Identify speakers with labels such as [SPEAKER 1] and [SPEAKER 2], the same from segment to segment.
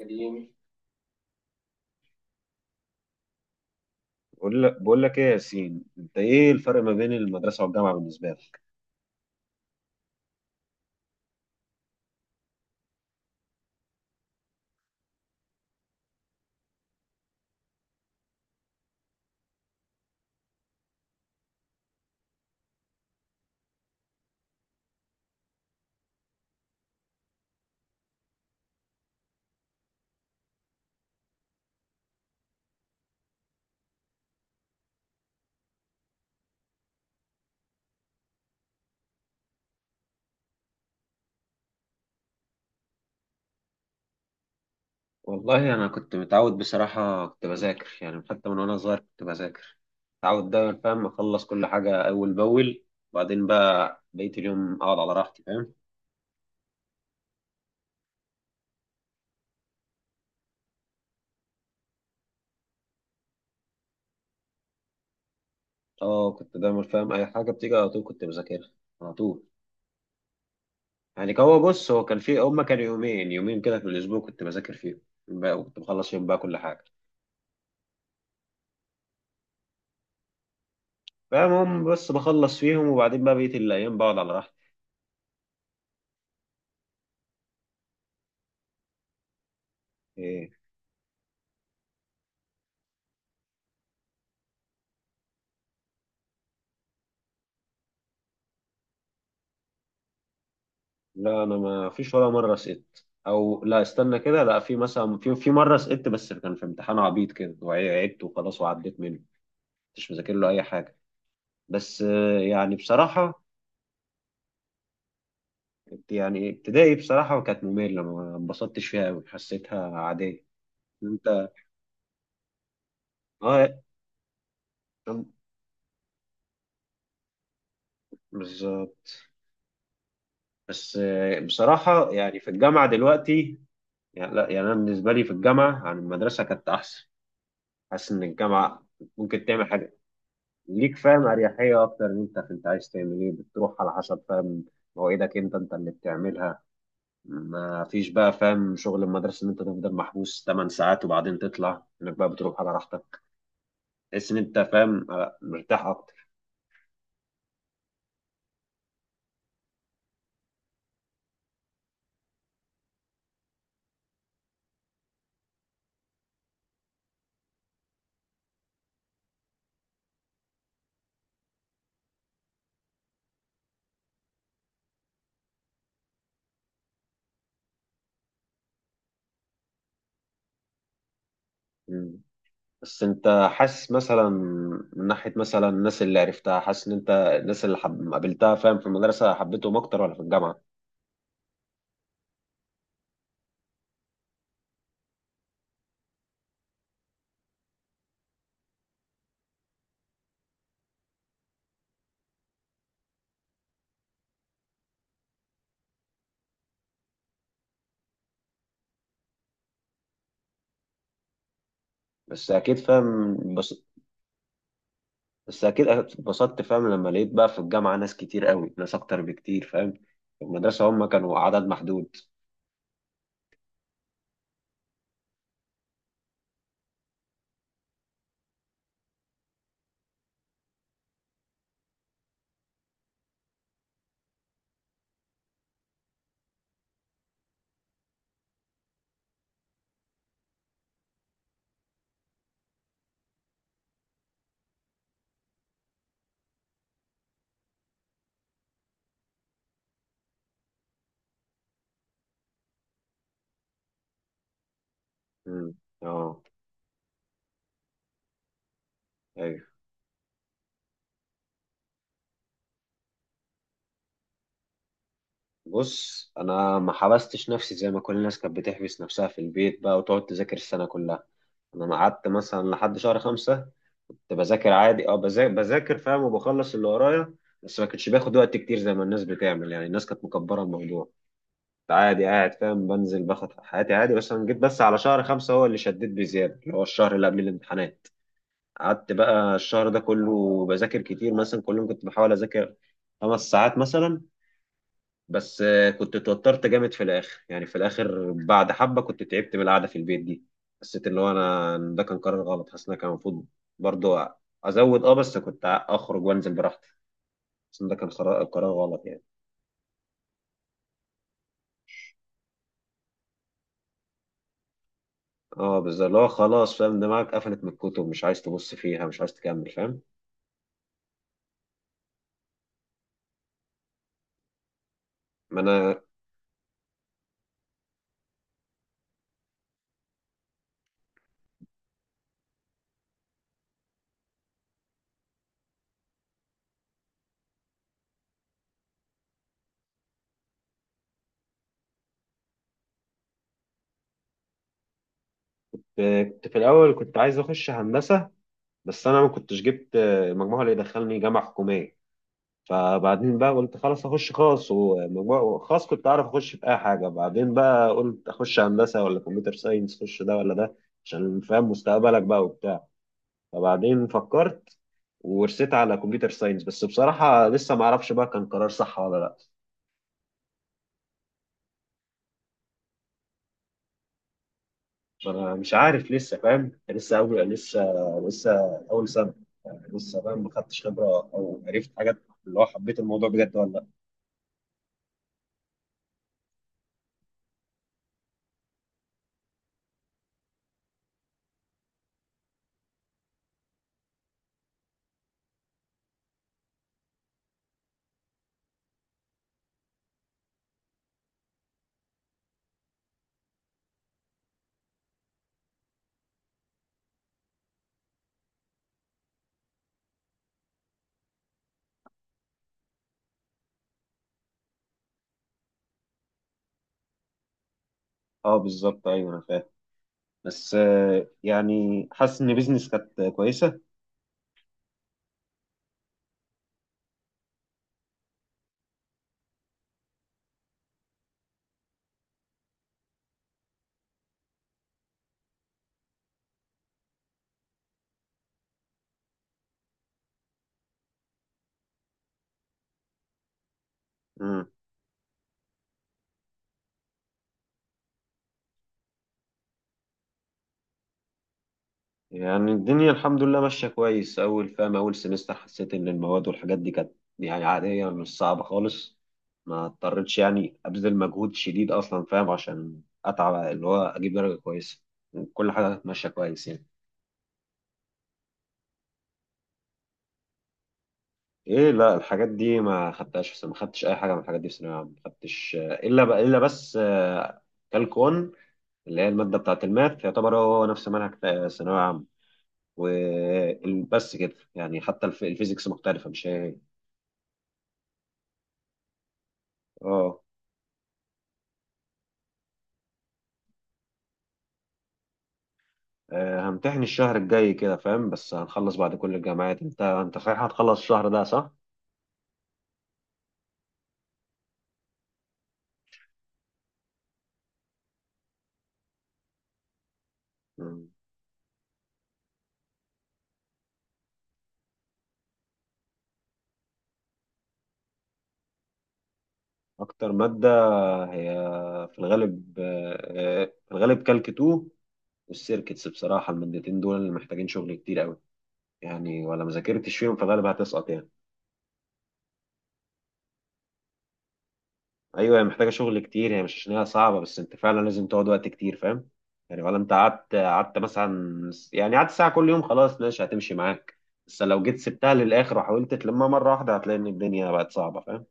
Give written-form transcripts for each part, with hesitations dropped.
[SPEAKER 1] قديم. بقول لك ايه يا ياسين، انت ايه الفرق ما بين المدرسه والجامعه بالنسبه لك؟ والله انا كنت متعود، بصراحه كنت بذاكر يعني حتى من وانا صغير كنت بذاكر، متعود دايما فاهم اخلص كل حاجه اول باول، وبعدين بقى بقيه اليوم اقعد على راحتي، فاهم. اه، كنت دايما فاهم اي حاجه بتيجي على طول كنت بذاكرها على طول. يعني كان هو بص هو كان في هما كانوا يومين يومين كده في الاسبوع كنت بذاكر فيهم بقى، وكنت بخلص فيهم بقى كل حاجه، فاهم، هم بس بخلص فيهم، وبعدين بقى بقيه الايام بقعد على راحتي. إيه، لا انا ما فيش ولا مره سقطت، او لا، استنى كده، لا، في مثلا، في مره سقطت، بس كان في امتحان عبيط كده وعدت وخلاص وعديت منه، مش مذاكر له اي حاجه. بس يعني بصراحه، يعني ابتدائي بصراحه كانت ممله، ما انبسطتش فيها قوي، حسيتها عاديه. انت اه، بالظبط. بس بصراحه يعني في الجامعه دلوقتي. يعني لا، يعني انا بالنسبه لي في الجامعه عن المدرسه كانت احسن. حاسس ان الجامعه ممكن تعمل حاجات ليك، فاهم، اريحيه اكتر، ان انت عايز تعمل ايه بتروح على حسب، فاهم، مواعيدك، انت اللي بتعملها. ما فيش بقى فاهم شغل المدرسه، ان انت تفضل محبوس 8 ساعات وبعدين تطلع انك بقى بتروح على راحتك. تحس ان انت فاهم، مرتاح اكتر. مم. بس انت حاسس مثلا، من ناحيه مثلا الناس اللي عرفتها، حاسس ان انت الناس اللي قابلتها فاهم في المدرسه حبيتهم اكتر ولا في الجامعه؟ بس اكيد فاهم بس بس اكيد اتبسطت فاهم لما لقيت بقى في الجامعه ناس كتير قوي، ناس اكتر بكتير، فاهم. في المدرسه هم كانوا عدد محدود. امم، اه، ايوه. بص، انا ما حبستش نفسي زي ما كل الناس كانت بتحبس نفسها في البيت بقى، وتقعد تذاكر السنه كلها. انا ما قعدت مثلا لحد شهر 5، كنت بذاكر عادي، اه، بذاكر فاهم وبخلص اللي ورايا. بس ما كنتش باخد وقت كتير زي ما الناس بتعمل، يعني الناس كانت مكبره الموضوع. عادي قاعد فاهم بنزل باخد حياتي عادي، بس انا جيت بس على شهر 5 هو اللي شديت بزيادة، اللي هو الشهر اللي قبل الامتحانات. قعدت بقى الشهر ده كله بذاكر كتير، مثلا كل يوم كنت بحاول اذاكر 5 ساعات مثلا. بس كنت اتوترت جامد في الاخر، يعني في الاخر بعد حبة كنت تعبت من القعدة في البيت دي. حسيت اللي هو انا إن ده كان قرار غلط، حاسس ان أنا كان المفروض برضه ازود، بس كنت اخرج وانزل براحتي. حاسس ان ده كان قرار غلط يعني. اه بالظبط، اللي هو خلاص فاهم دماغك قفلت من الكتب، مش عايز تبص فيها، مش عايز تكمل فاهم. ما انا كنت في الاول كنت عايز اخش هندسه، بس انا ما كنتش جبت المجموع اللي يدخلني جامعه حكوميه، فبعدين بقى قلت خلاص اخش خاص، ومجموع خاص كنت اعرف اخش في اي حاجه، بعدين بقى قلت اخش هندسه ولا كمبيوتر ساينس، اخش ده ولا ده، عشان فاهم مستقبلك بقى وبتاع. فبعدين فكرت ورسيت على كمبيوتر ساينس، بس بصراحه لسه ما اعرفش بقى كان قرار صح ولا لا. ما أنا مش عارف لسه فاهم لسه أول سنة، يعني لسه فاهم ما خدتش خبرة، أو عرفت حاجات اللي هو حبيت الموضوع بجد ولا لأ. أه بالظبط، أيوه أنا فاهم. بس يعني حاسس إن بيزنس كانت كويسة. امم. يعني الدنيا الحمد لله ماشية كويس، أول فاهم أول سمستر حسيت إن المواد والحاجات دي كانت، يعني عادية، مش صعبة خالص. ما اضطريتش يعني أبذل مجهود شديد أصلا فاهم عشان أتعب، اللي هو أجيب درجة كويسة. كل حاجة كانت ماشية كويس يعني. ايه لا، الحاجات دي ما خدتهاش في سنة. ما خدتش اي حاجه من الحاجات دي في ثانويه عامه، ما خدتش الا بس كالكون، اللي هي الماده بتاعه الماث، يعتبر هو نفس منهج ثانويه عامه. وبس كده يعني، حتى الفيزيكس مختلفه، مش هي هي. اه. همتحن الشهر الجاي كده فاهم، بس هنخلص بعد كل الجامعات، انت صحيح هتخلص الشهر ده صح؟ مم. اكتر ماده هي في الغالب كالك 2، والسيركتس بصراحه، المادتين دول اللي محتاجين شغل كتير قوي يعني، ولا ما ذاكرتش فيهم فغالبا هتسقط يعني. ايوه، هي محتاجه شغل كتير، هي مش عشان هي صعبه بس انت فعلا لازم تقعد وقت كتير فاهم. يعني ولا انت قعدت مثلا، يعني قعدت ساعه كل يوم خلاص ماشي هتمشي معاك. بس لو جيت سبتها للاخر وحاولت تلمها مره واحده هتلاقي ان الدنيا بقت صعبه فاهم.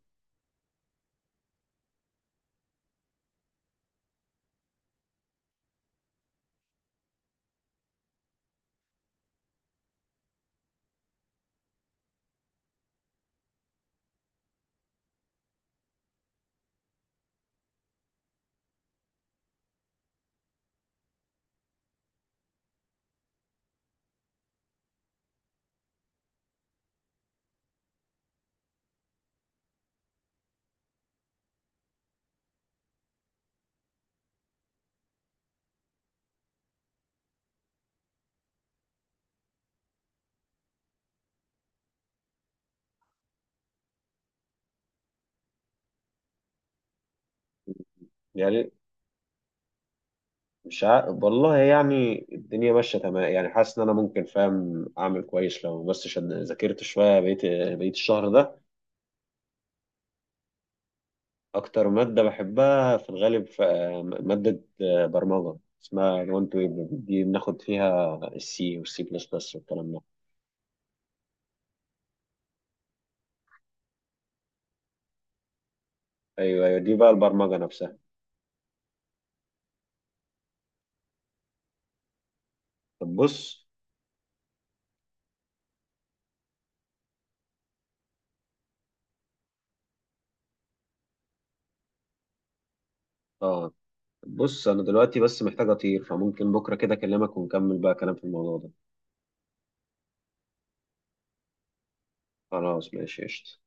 [SPEAKER 1] يعني مش ع... والله يعني الدنيا ماشيه تمام، يعني حاسس ان انا ممكن فاهم اعمل كويس لو بس ذاكرت شويه، بقيت الشهر ده. أكتر مادة بحبها في الغالب مادة برمجة اسمها الوان تو ويب، دي بناخد فيها السي والسي بلس بلس والكلام ده. أيوه أيوه دي بقى البرمجة نفسها. طب بص، آه أنا دلوقتي بس محتاج أطير، فممكن بكرة كده أكلمك ونكمل بقى كلام في الموضوع ده. خلاص ماشي قشطة.